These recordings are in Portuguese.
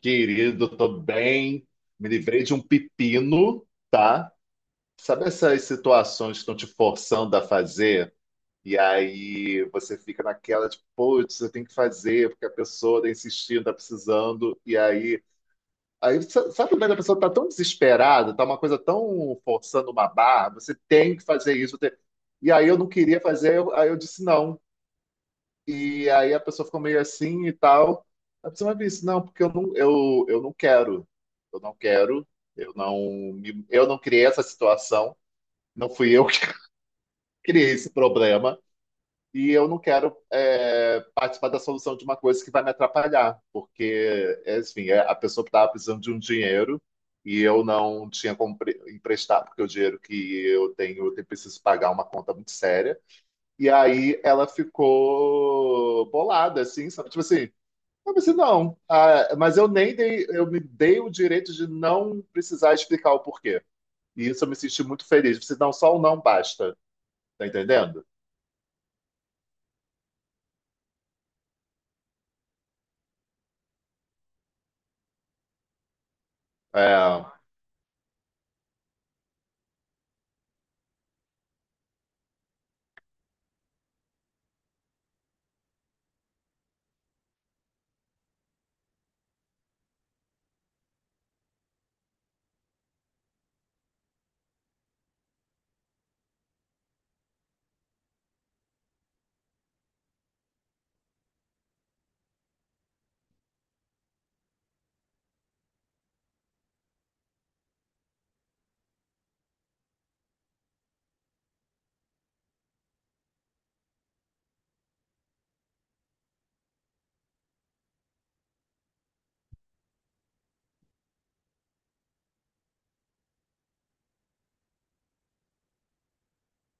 Querido, tô bem. Me livrei de um pepino, tá? Sabe essas situações que estão te forçando a fazer? E aí você fica naquela, tipo, putz, eu tenho que fazer, porque a pessoa tá insistindo, tá precisando. E aí, sabe quando a pessoa tá tão desesperada, tá uma coisa tão forçando uma barra, você tem que fazer isso. E aí eu não queria fazer, aí eu disse não. E aí a pessoa ficou meio assim e tal. A pessoa me disse não, porque eu não quero. Eu não quero. Eu não, eu não criei essa situação. Não fui eu que criei esse problema. E eu não quero participar da solução de uma coisa que vai me atrapalhar. Porque, enfim, a pessoa estava precisando de um dinheiro e eu não tinha como emprestar, porque o dinheiro que eu tenho, eu preciso pagar uma conta muito séria. E aí ela ficou bolada, assim, sabe? Tipo assim, eu pensei, não. Ah, mas eu nem dei, eu me dei o direito de não precisar explicar o porquê. E isso eu me senti muito feliz. Você não só o não basta, tá entendendo? É,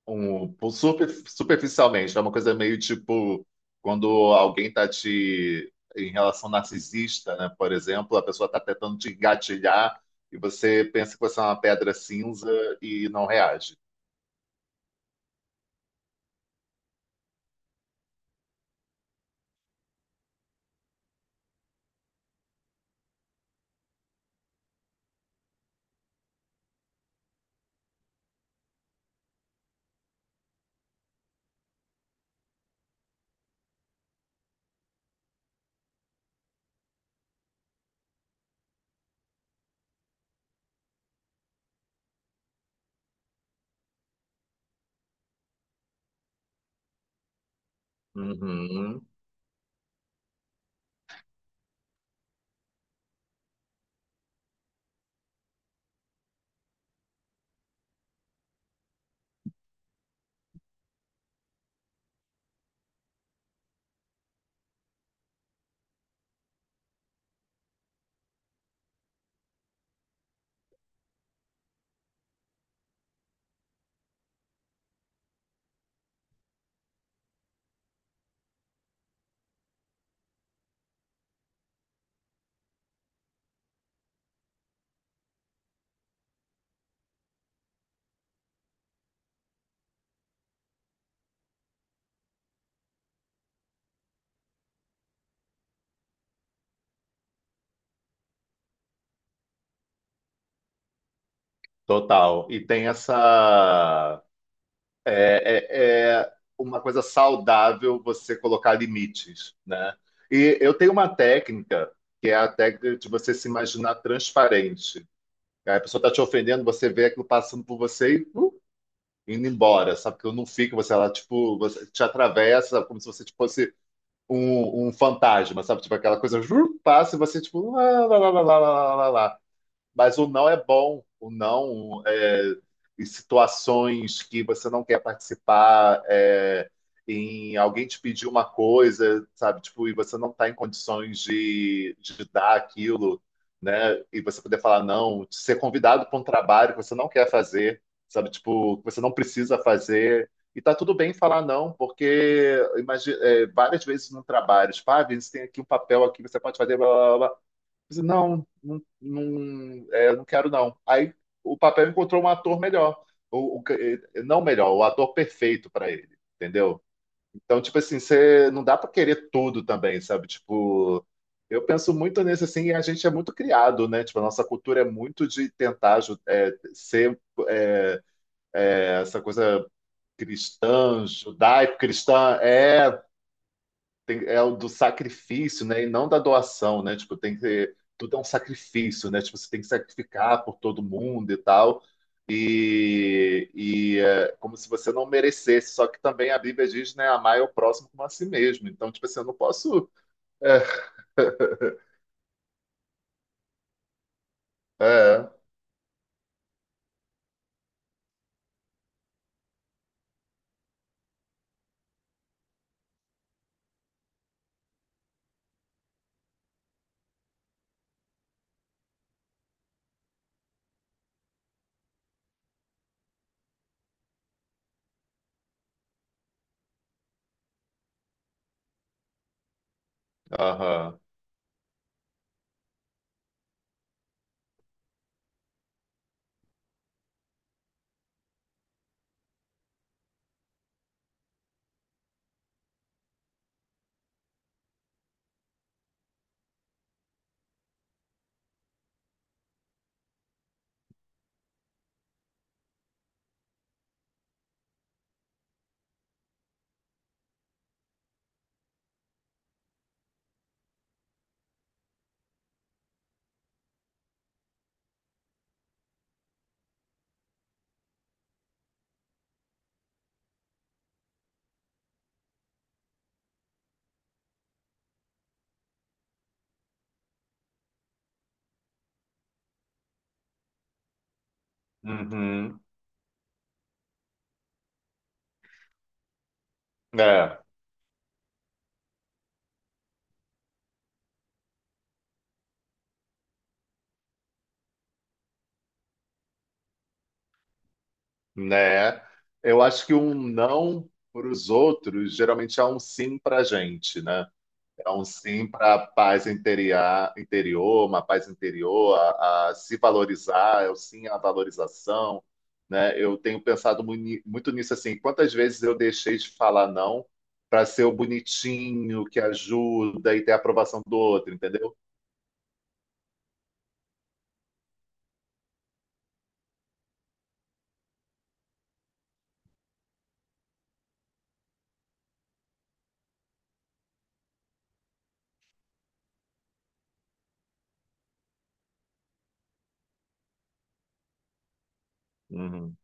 um, superficialmente, é uma coisa meio tipo quando alguém tá te em relação narcisista, né? Por exemplo, a pessoa tá tentando te engatilhar e você pensa que você é uma pedra cinza e não reage. Uhum, total. E tem essa é uma coisa saudável você colocar limites, né? E eu tenho uma técnica, que é a técnica de você se imaginar transparente. Aí a pessoa tá te ofendendo, você vê aquilo passando por você e indo embora, sabe? Que eu não fico, você ela tipo, você te atravessa como se você tipo, fosse um, um fantasma, sabe? Tipo aquela coisa, passa e você tipo, lá, lá, lá, lá, lá, lá, lá, lá. Mas o não é bom. O não é, em situações que você não quer participar, é, em alguém te pedir uma coisa, sabe? Tipo, e você não está em condições de dar aquilo, né? E você poder falar não, de ser convidado para um trabalho que você não quer fazer, sabe? Tipo, que você não precisa fazer. E tá tudo bem falar não, porque imagina, várias vezes no trabalho, tipo, ah, Vinícius, tem aqui um papel aqui, você pode fazer, blá, blá, blá. Disse, não, não, não, é, não quero não. Aí o papel encontrou um ator melhor, o, o- não melhor, o ator perfeito para ele, entendeu? Então, tipo assim, você não dá para querer tudo também, sabe? Tipo, eu penso muito nisso assim, e a gente é muito criado, né? Tipo, a nossa cultura é muito de tentar ser eh, essa coisa cristã, judaico-cristã, é o do sacrifício, né? E não da doação, né? Tipo, tem que. Tudo é um sacrifício, né? Tipo, você tem que sacrificar por todo mundo e tal. E é como se você não merecesse. Só que também a Bíblia diz, né? Amar é o próximo como a si mesmo. Então, tipo assim, eu não posso. É, é. Aham. Uhum. É, né? Eu acho que um não para os outros geralmente é um sim para a gente, né? Então, sim, para a paz interior, interior, uma paz interior, a se valorizar, eu sim a valorização, né? Eu tenho pensado muito nisso assim, quantas vezes eu deixei de falar não para ser o bonitinho que ajuda e ter a aprovação do outro, entendeu? Uhum.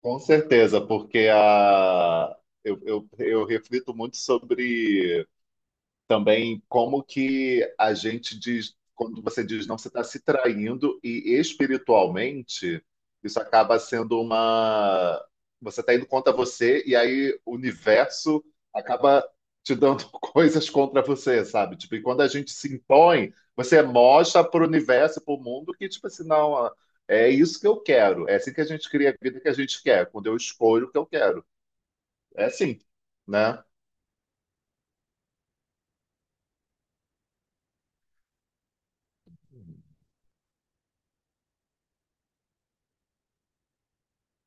Com certeza, porque eu reflito muito sobre também como que a gente diz, quando você diz não, você está se traindo e espiritualmente isso acaba sendo uma. Você está indo contra você e aí o universo acaba te dando coisas contra você, sabe? Tipo, e quando a gente se impõe, você mostra para o universo, para o mundo que, tipo assim, não, é isso que eu quero. É assim que a gente cria a vida que a gente quer, quando eu escolho o que eu quero. É assim, né?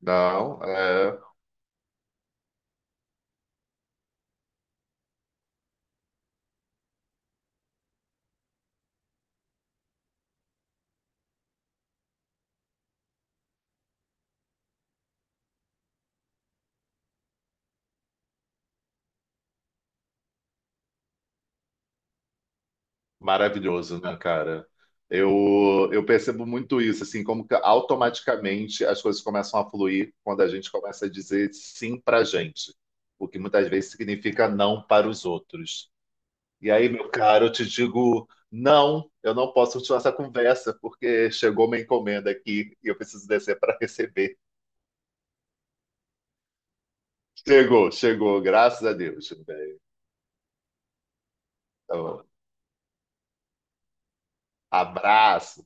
Não, é. Maravilhoso, né, cara? Eu percebo muito isso, assim, como que automaticamente as coisas começam a fluir quando a gente começa a dizer sim pra gente, o que muitas vezes significa não para os outros. E aí, meu caro, eu te digo, não, eu não posso continuar essa conversa, porque chegou uma encomenda aqui e eu preciso descer para receber. Chegou, chegou, graças a Deus. Então, abraço.